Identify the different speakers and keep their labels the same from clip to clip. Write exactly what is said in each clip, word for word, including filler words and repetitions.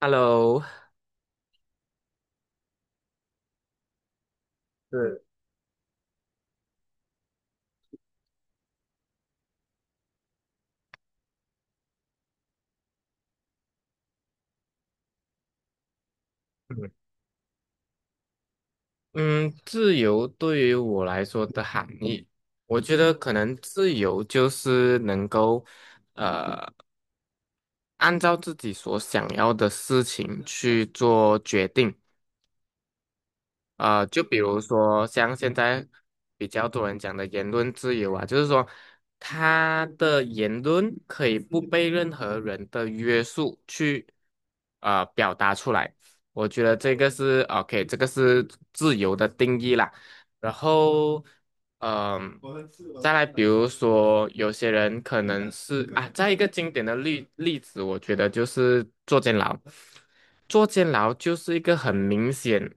Speaker 1: Hello，嗯嗯，自由对于我来说的含义，我觉得可能自由就是能够按照自己所想要的事情去做决定。啊、就比如说像现在比较多人讲的言论自由啊，就是说他的言论可以不被任何人的约束去啊、呃表达出来。我觉得这个是 OK，这个是自由的定义啦。然后，嗯、再来，比如说有些人可能是啊，再一个经典的例例子，我觉得就是坐监牢。坐监牢就是一个很明显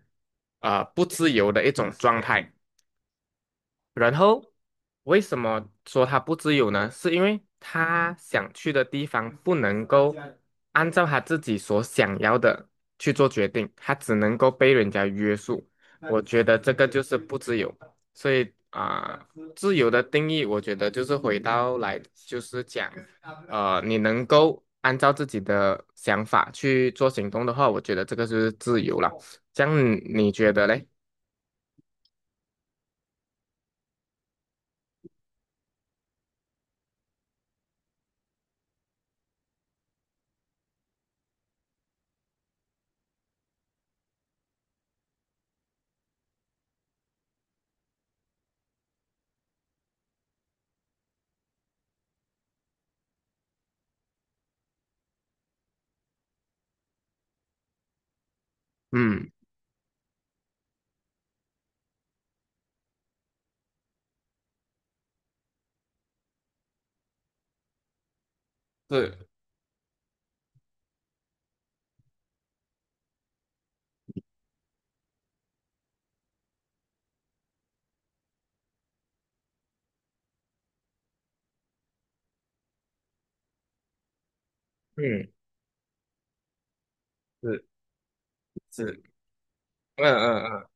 Speaker 1: 啊、呃不自由的一种状态。然后为什么说他不自由呢？是因为他想去的地方不能够按照他自己所想要的去做决定，他只能够被人家约束。我觉得这个就是不自由。所以啊、自由的定义，我觉得就是回到来，就是讲，呃，你能够按照自己的想法去做行动的话，我觉得这个就是自由了。这样你觉得嘞？嗯，是。嗯，是是。嗯嗯嗯。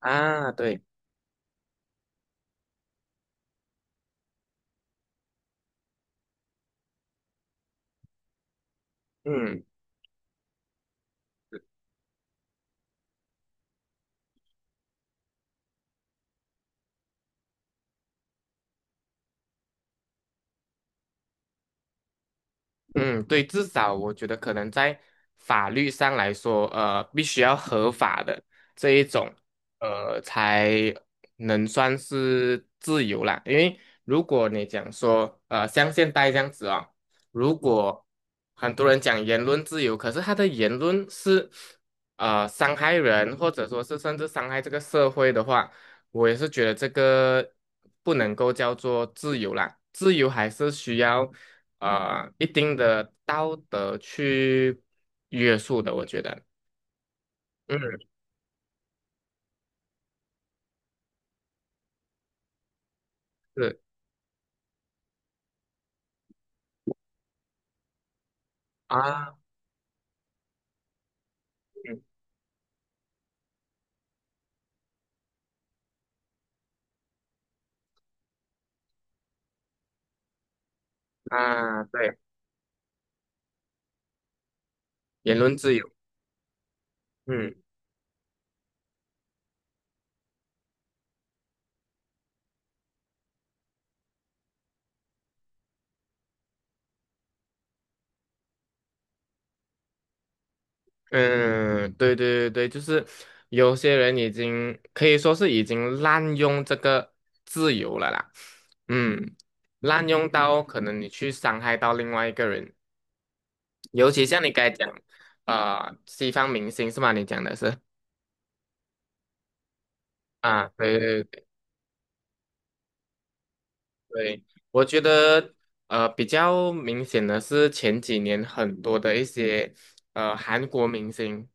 Speaker 1: 啊，对。嗯嗯，对，至少我觉得可能在法律上来说，呃，必须要合法的这一种，呃，才能算是自由啦。因为如果你讲说，呃，像现在这样子哦，如果很多人讲言论自由，可是他的言论是呃伤害人，或者说是甚至伤害这个社会的话。我也是觉得这个不能够叫做自由啦，自由还是需要呃一定的道德去约束的，我觉得。嗯，是啊。嗯，啊，对，言论自由。嗯嗯，对对对对，就是有些人已经可以说是已经滥用这个自由了啦。嗯，滥用到可能你去伤害到另外一个人。尤其像你刚才讲，啊、西方明星是吗？你讲的是啊，对对对。我觉得呃比较明显的是前几年很多的一些呃韩国明星，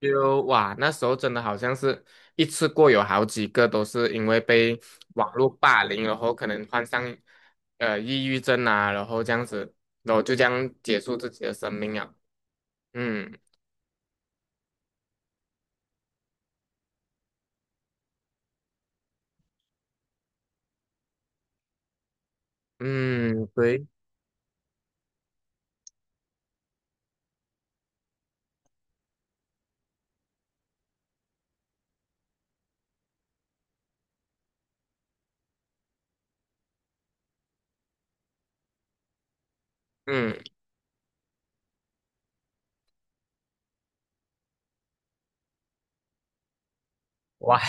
Speaker 1: 就哇那时候真的好像是一次过有好几个都是因为被网络霸凌，然后可能患上呃抑郁症啊，然后这样子，然后就这样结束自己的生命啊。嗯嗯，对。嗯，哇。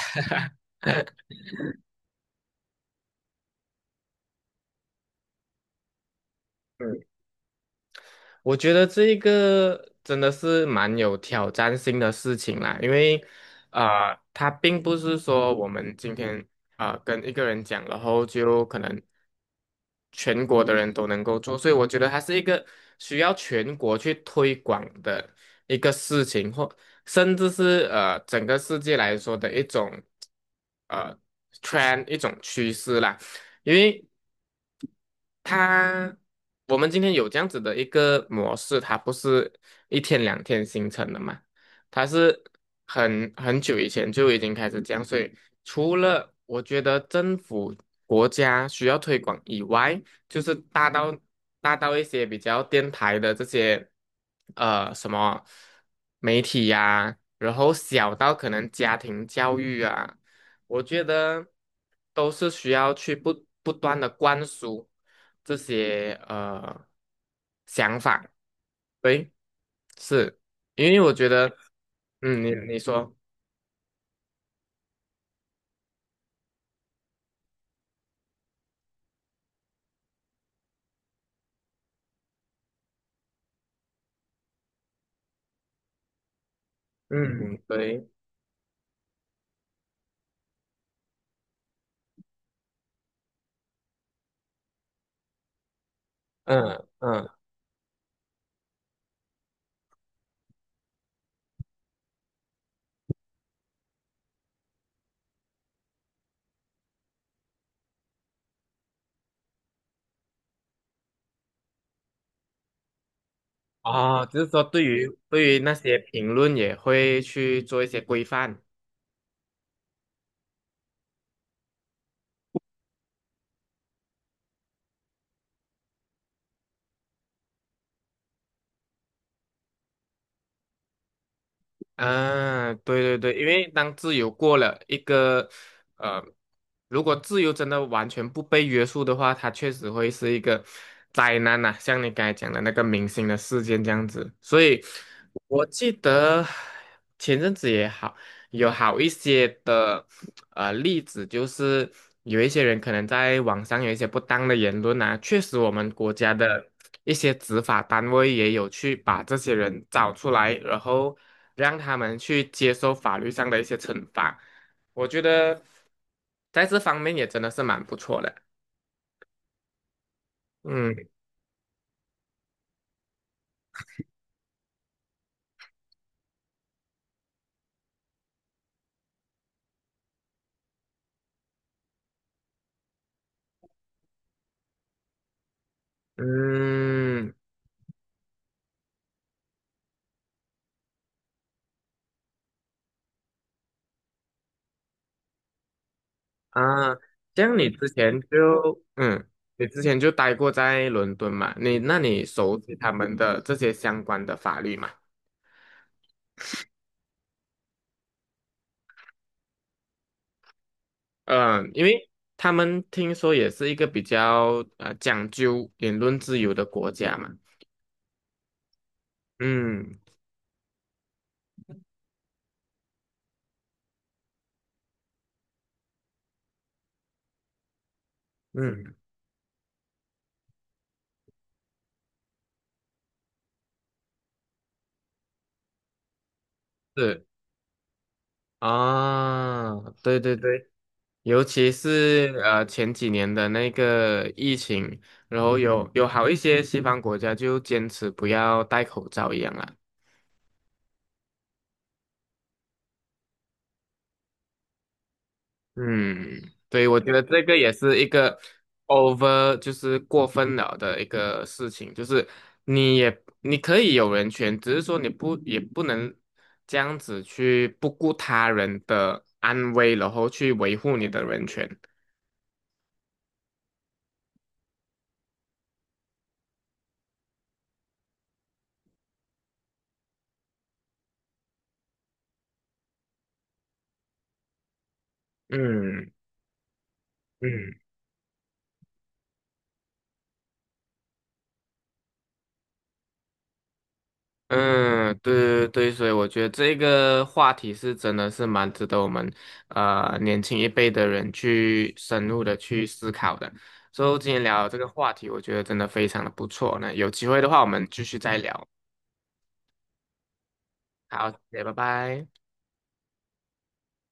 Speaker 1: 嗯。我觉得这一个真的是蛮有挑战性的事情啦，因为啊、呃它并不是说我们今天啊、呃跟一个人讲，然后就可能全国的人都能够做，所以我觉得它是一个需要全国去推广的一个事情，或甚至是呃整个世界来说的一种呃 t r 一种趋势啦，因为它我们今天有这样子的一个模式，它不是一天两天形成的嘛。它是很很久以前就已经开始这样，所以除了我觉得政府国家需要推广以外，就是大到大到一些比较电台的这些呃什么媒体呀、然后小到可能家庭教育啊。我觉得都是需要去不不断的灌输这些呃想法。对，是因为我觉得，嗯，你你说。嗯，对。嗯嗯，哦，就是说对于对于那些评论也会去做一些规范。啊，对对对，因为当自由过了一个，呃，如果自由真的完全不被约束的话，它确实会是一个灾难呐、像你刚才讲的那个明星的事件这样子，所以我记得前阵子也好。有好一些的呃例子，就是有一些人可能在网上有一些不当的言论啊，确实我们国家的一些执法单位也有去把这些人找出来，然后让他们去接受法律上的一些惩罚。我觉得在这方面也真的是蛮不错的。嗯嗯。啊，像你之前就嗯，你之前就待过在伦敦嘛？你那你熟悉他们的这些相关的法律嘛？嗯，因为他们听说也是一个比较呃讲究言论自由的国家嘛。嗯嗯，是啊，对对对，尤其是呃前几年的那个疫情，然后有有好一些西方国家就坚持不要戴口罩一样啊。嗯，对，我觉得这个也是一个 over，就是过分了的一个事情，就是你也你可以有人权，只是说你不也不能这样子去不顾他人的安危，然后去维护你的人权。嗯嗯。嗯，对对对，所以我觉得这个话题是真的是蛮值得我们呃年轻一辈的人去深入的去思考的。所以今天聊这个话题，我觉得真的非常的不错。那有机会的话，我们继续再聊。好，谢谢，拜拜。